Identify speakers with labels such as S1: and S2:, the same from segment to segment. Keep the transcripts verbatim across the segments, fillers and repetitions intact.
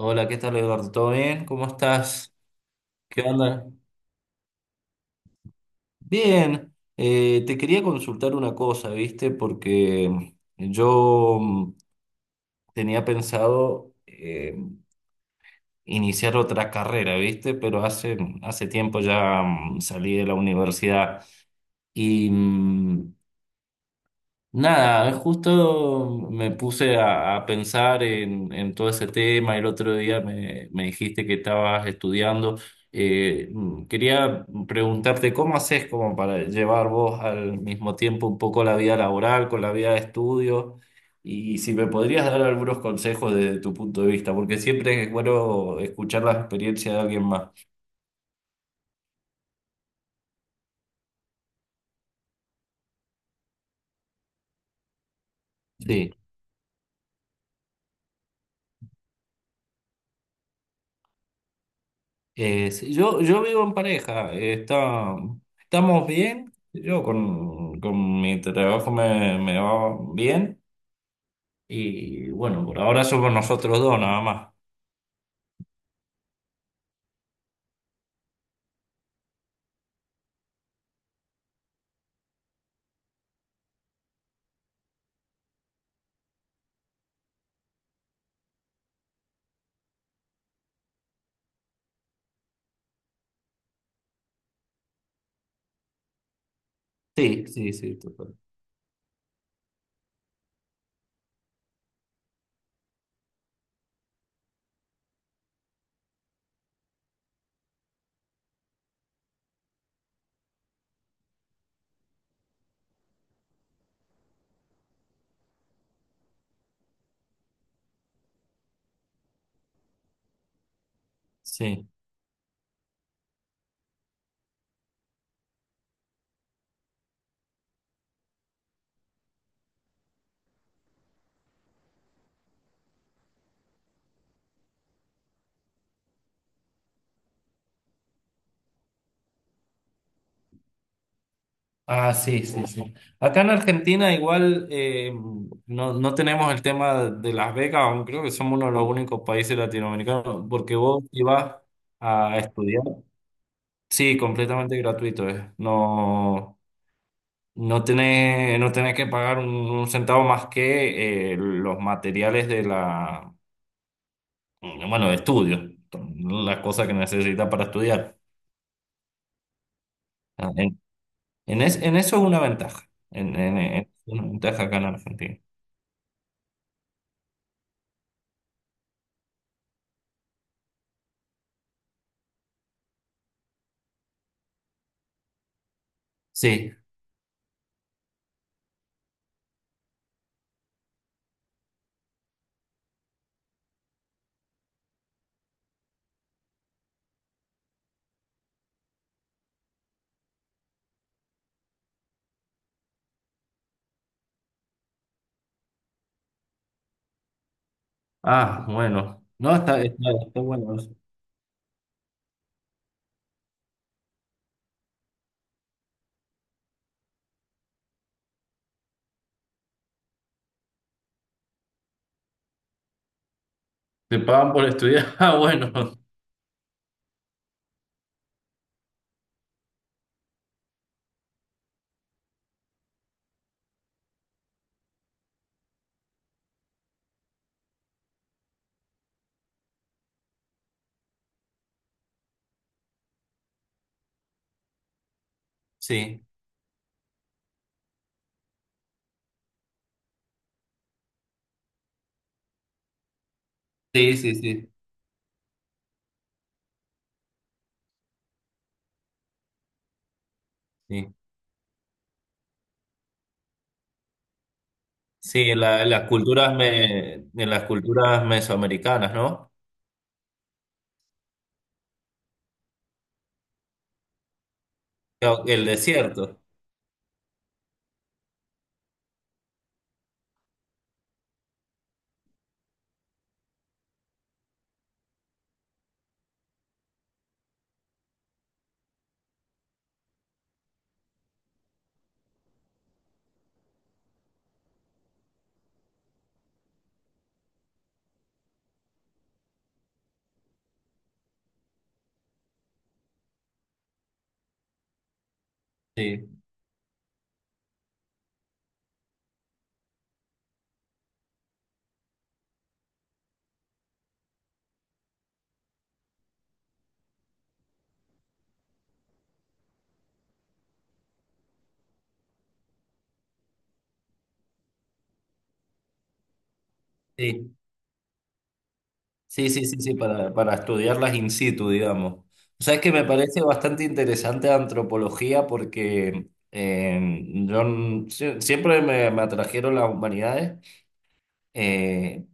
S1: Hola, ¿qué tal Eduardo? ¿Todo bien? ¿Cómo estás? ¿Qué onda? Bien, eh, te quería consultar una cosa, ¿viste? Porque mm, yo mm, tenía pensado eh, iniciar otra carrera, ¿viste? Pero hace, hace tiempo ya, mm, salí de la universidad y, mm, nada, justo me puse a, a pensar en, en todo ese tema. El otro día me, me dijiste que estabas estudiando. Eh, mm, quería preguntarte cómo haces como para llevar vos al mismo tiempo un poco la vida laboral con la vida de estudio, y si me podrías dar algunos consejos desde tu punto de vista, porque siempre es bueno escuchar la experiencia de alguien más. Sí. Eh, sí, yo, yo vivo en pareja, eh, está, estamos bien, yo con, con mi trabajo me, me va bien, y bueno, por ahora somos nosotros dos nada más. Sí, sí, sí, total. Sí. Ah, sí, sí, sí. Acá en Argentina igual, eh, no, no tenemos el tema de las becas, aunque creo que somos uno de los únicos países latinoamericanos, porque vos ibas a estudiar. Sí, completamente gratuito, es. No. No tenés, no tenés que pagar un, un centavo más que eh, los materiales de la, bueno, de estudio, las cosas que necesitas para estudiar. Ah, En, en es- en eso es una ventaja, en, en- en- una ventaja acá en Argentina. Sí. Ah, bueno. No, está, está, está bueno eso. Te pagan por estudiar. Ah, bueno. Sí, sí, sí, sí. Sí, sí, en la- en las culturas me, en las culturas mesoamericanas, ¿no? El desierto. Sí. Sí. Sí, sí, sí, sí, para, para estudiarlas in situ, digamos. O sea, es que me parece bastante interesante antropología, porque eh, yo n- sie- siempre me, me atrajeron las humanidades, eh,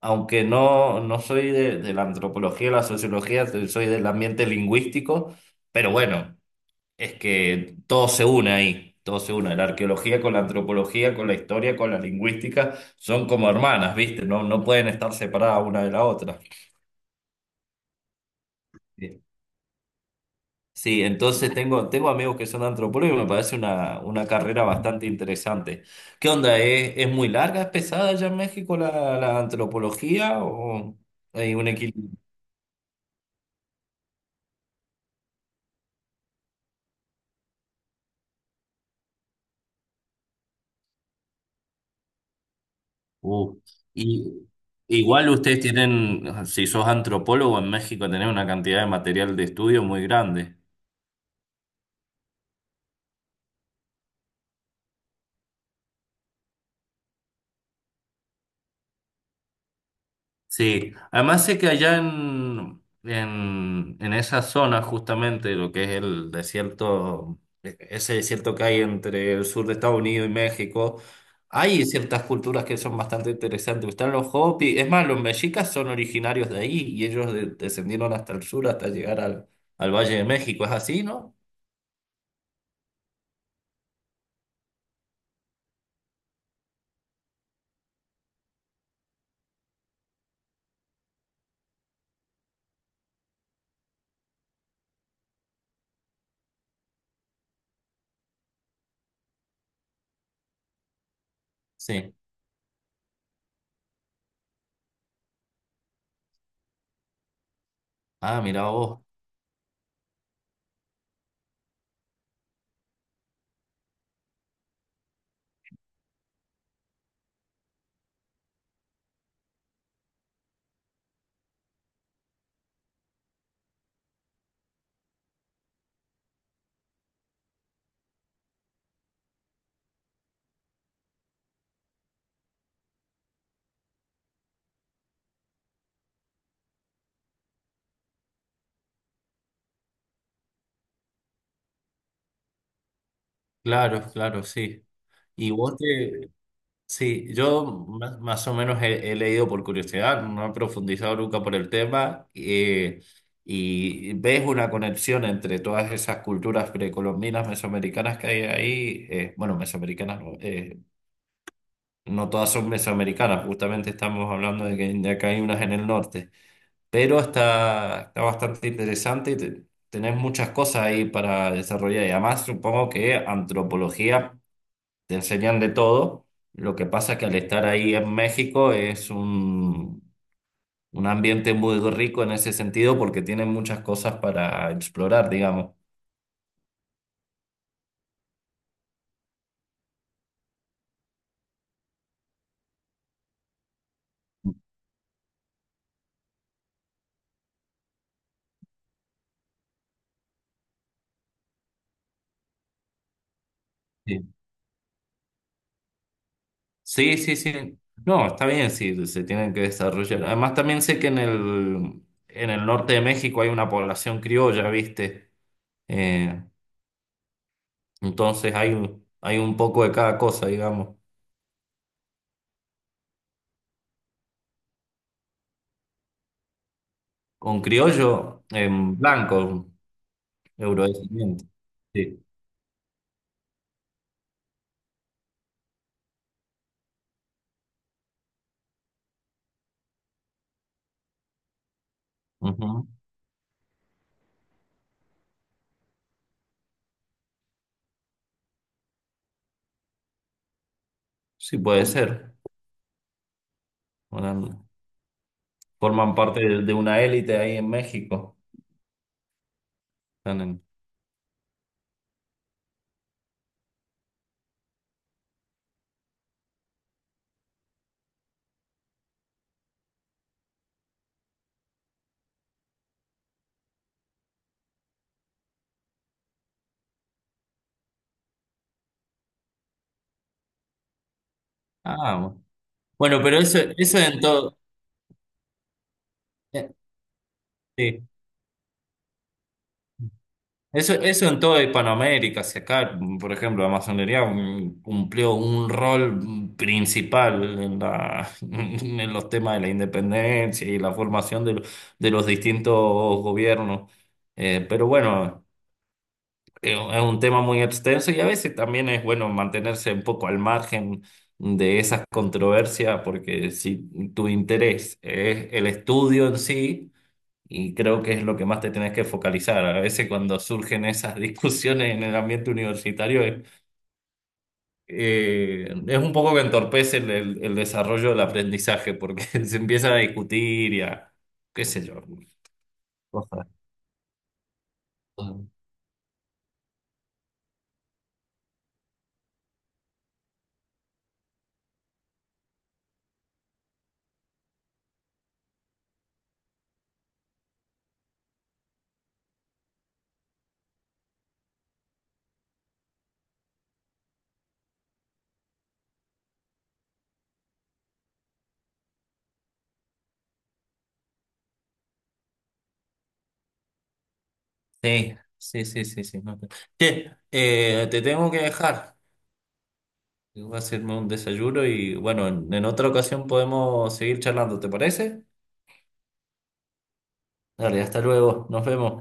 S1: aunque no, no soy de, de la antropología, la sociología, so- soy del ambiente lingüístico, pero bueno, es que todo se une ahí, todo se une, la arqueología con la antropología, con la historia, con la lingüística, son como hermanas, ¿viste? No, no pueden estar separadas una de la otra. Sí, entonces tengo, tengo amigos que son antropólogos y me parece una, una carrera bastante interesante. ¿Qué onda? ¿Es, es muy larga, es pesada allá en México la, la antropología o hay un equilibrio? Uh, y igual ustedes tienen, si sos antropólogo en México, tenés una cantidad de material de estudio muy grande. Sí, además sé que allá en, en, en esa zona, justamente lo que es el desierto, e- ese desierto que hay entre el sur de Estados Unidos y México, hay ciertas culturas que son bastante interesantes. Están los Hopi, es más, los mexicas son originarios de ahí y ellos de- descendieron hasta el sur hasta llegar al, al Valle de México, ¿es así, no? Sí. Ah, mira vos, claro, claro, sí. ¿Y vos te, sí, yo más, más o menos he, he leído por curiosidad, no he profundizado nunca por el tema, eh, y ves una conexión entre todas esas culturas precolombinas, mesoamericanas que hay ahí, eh, bueno, mesoamericanas, no, eh, no todas son mesoamericanas, justamente estamos hablando de que de acá hay unas en el norte, pero está, está bastante interesante y te- tenés muchas cosas ahí para desarrollar, y además supongo que antropología te enseñan de todo. Lo que pasa es que al estar ahí en México es un, un ambiente muy rico en ese sentido porque tienen muchas cosas para explorar, digamos. Sí, sí, sí. Sí. No, está bien, sí, se tienen que desarrollar. Además, también sé que en el, en el norte de México hay una población criolla, ¿viste? Eh, entonces hay, un- hay un poco de cada cosa, digamos. Con criollo, en blanco, un eurodescendiente. Sí. Ujú. Sí, puede ser. Bueno, forman parte de, de una élite ahí en México. Están en... Ah, bueno. Bueno, pero eso, eso en todo, eh, sí. Eso, eso en toda Hispanoamérica, si acá, mm, por ejemplo, la masonería mm, cumplió un rol, mm, principal en la, en los temas de la independencia y la formación de, lo- de los distintos gobiernos. Eh, pero bueno. eh, Es un tema muy extenso y a veces también es bueno mantenerse un poco al margen de esas controversias, porque si tu interés es el estudio en sí, y creo que es lo que más te tenés que focalizar. A veces cuando surgen esas discusiones en el ambiente universitario, es, eh, es un poco que entorpece el, el- el desarrollo del aprendizaje, porque se empieza a discutir y a, qué sé yo, cosas. Sí, sí, sí, sí, sí. no te- Che, eh, te tengo que dejar. Voy a hacerme un desayuno y bueno, en, en otra ocasión podemos seguir charlando, ¿te parece? Dale, hasta luego, nos vemos.